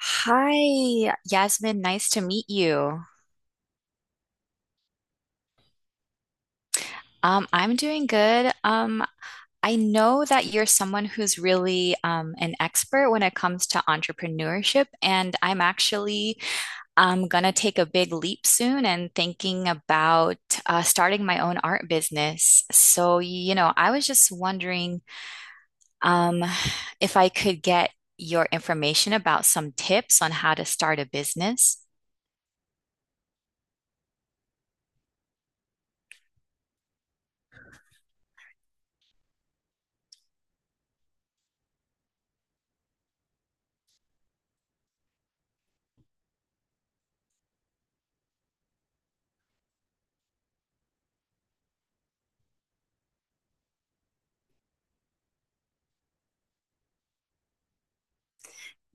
Hi, Yasmin. Nice to meet you. I'm doing good. I know that you're someone who's really an expert when it comes to entrepreneurship, and I'm actually gonna take a big leap soon and thinking about starting my own art business. So, you know, I was just wondering um, if I could get your information about some tips on how to start a business.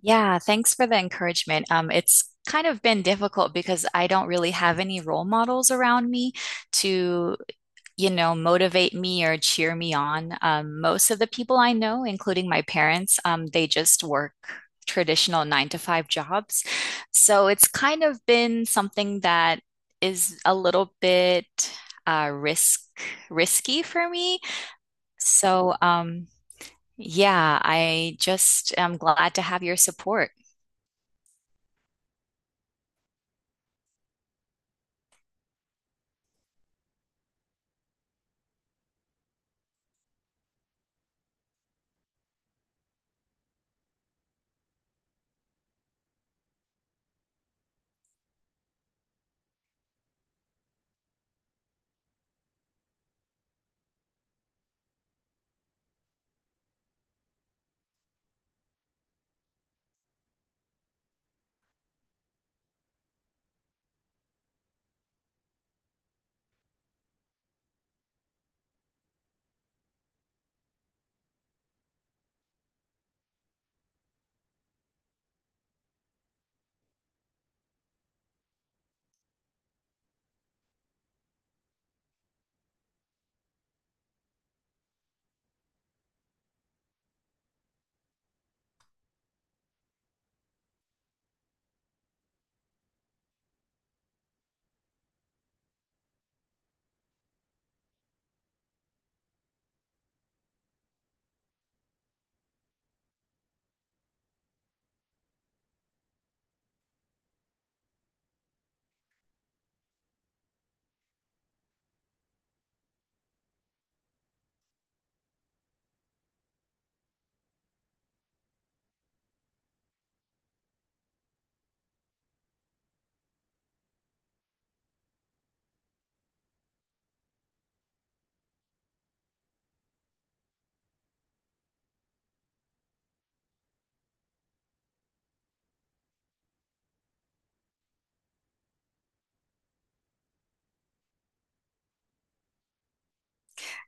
Yeah, thanks for the encouragement. It's kind of been difficult because I don't really have any role models around me to, you know, motivate me or cheer me on. Most of the people I know, including my parents, they just work traditional nine to five jobs. So it's kind of been something that is a little bit uh, risk risky for me. So, yeah, I just am glad to have your support.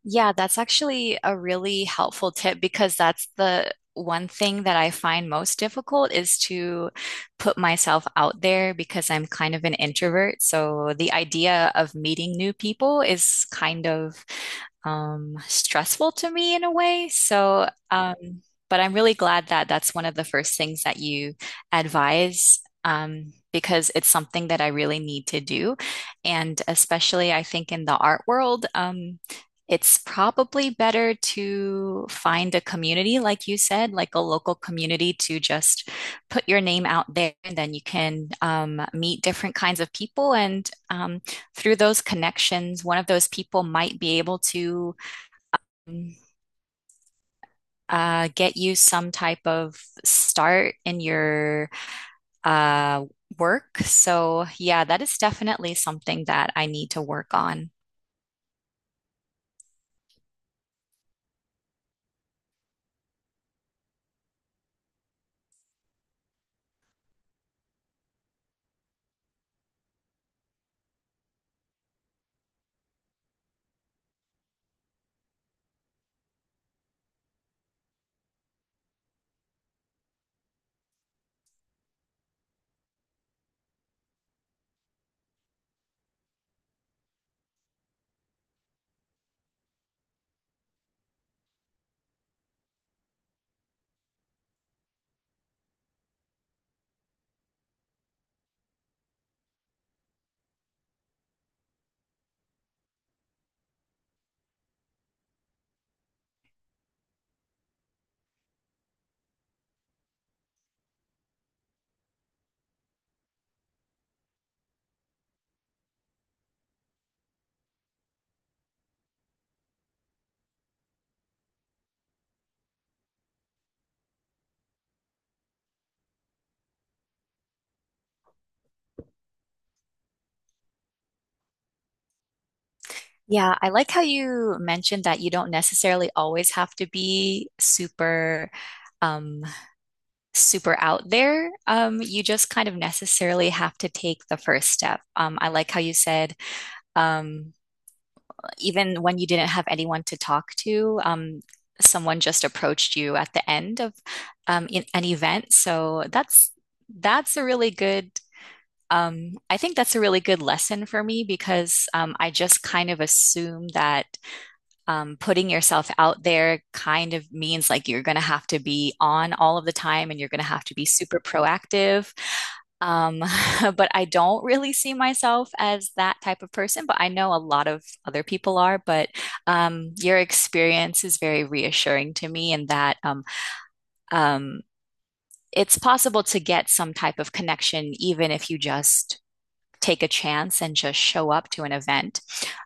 Yeah, that's actually a really helpful tip because that's the one thing that I find most difficult is to put myself out there because I'm kind of an introvert. So the idea of meeting new people is kind of stressful to me in a way. So, but I'm really glad that that's one of the first things that you advise, because it's something that I really need to do. And especially, I think in the art world, it's probably better to find a community, like you said, like a local community to just put your name out there, and then you can meet different kinds of people and through those connections, one of those people might be able to get you some type of start in your uh, work. So, yeah, that is definitely something that I need to work on. Yeah, I like how you mentioned that you don't necessarily always have to be super um super out there. You just kind of necessarily have to take the first step. I like how you said um even when you didn't have anyone to talk to, someone just approached you at the end of in an event. So that's a really good. I think that's a really good lesson for me because I just kind of assume that putting yourself out there kind of means like you're going to have to be on all of the time and you're going to have to be super proactive. Um, but I don't really see myself as that type of person, but I know a lot of other people are. But your experience is very reassuring to me in that um, it's possible to get some type of connection, even if you just take a chance and just show up to an event.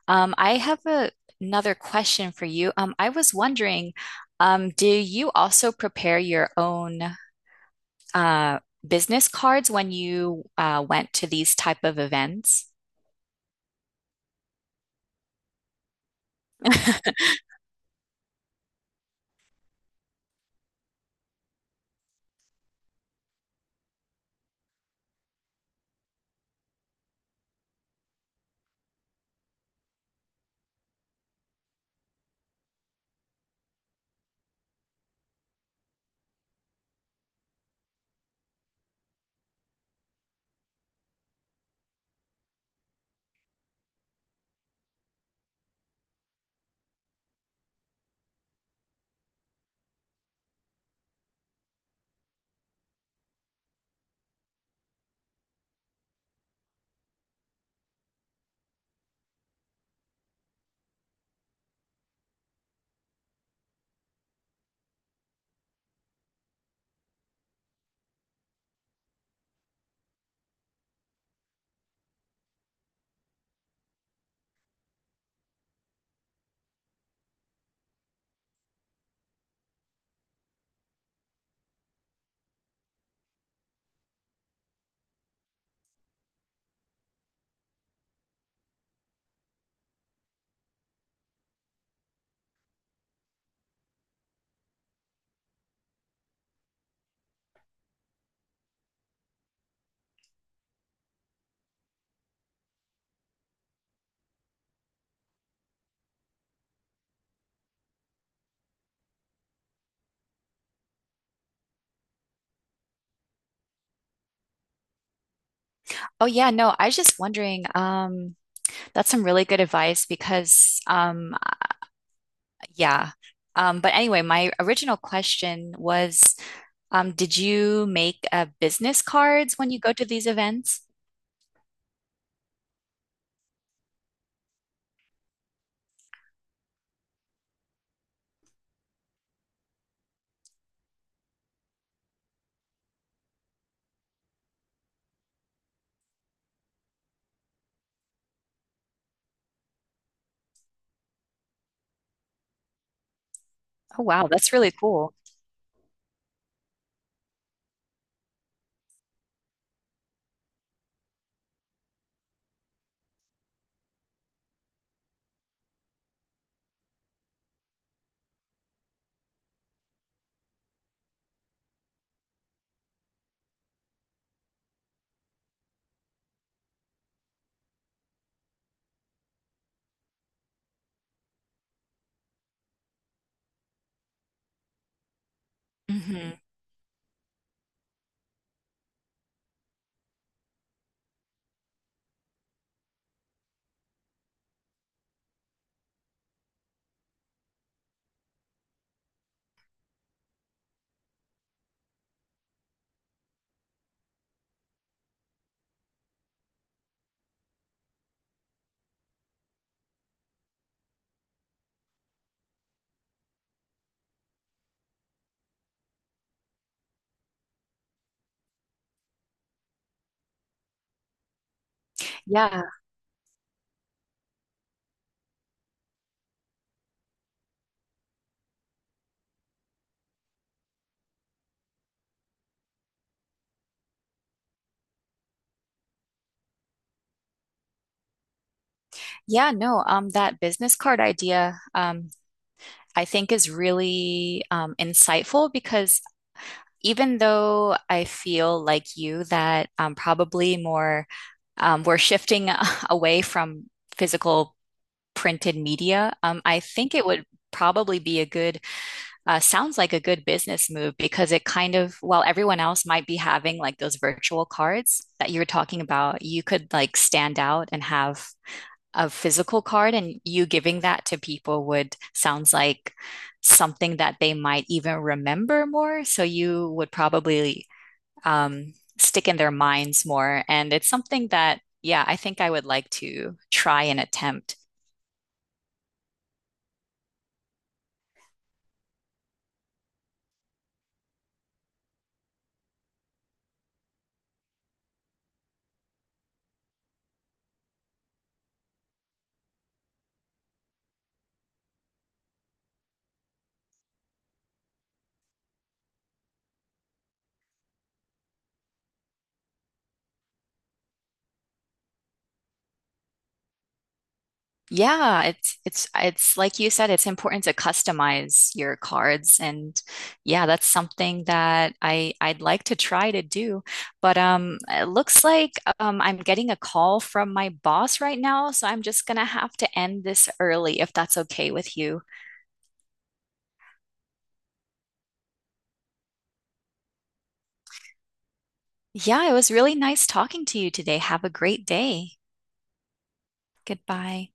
I have another question for you. I was wondering, do you also prepare your own uh, business cards when you went to these type of events? Oh yeah, no, I was just wondering. That's some really good advice because, yeah. But anyway, my original question was, did you make business cards when you go to these events? Oh wow, that's really cool. Hmm. Yeah. Yeah, no, that business card idea, I think is really insightful because even though I feel like you that probably more we're shifting away from physical printed media, I think it would probably be a sounds like a good business move because it kind of, while everyone else might be having like those virtual cards that you were talking about, you could like stand out and have a physical card and you giving that to people would sounds like something that they might even remember more. So you would probably stick in their minds more. And it's something that, yeah, I think I would like to try and attempt. Yeah, it's like you said, it's important to customize your cards and yeah, that's something that I'd like to try to do. But it looks like I'm getting a call from my boss right now, so I'm just gonna have to end this early if that's okay with you. Yeah, it was really nice talking to you today. Have a great day. Goodbye.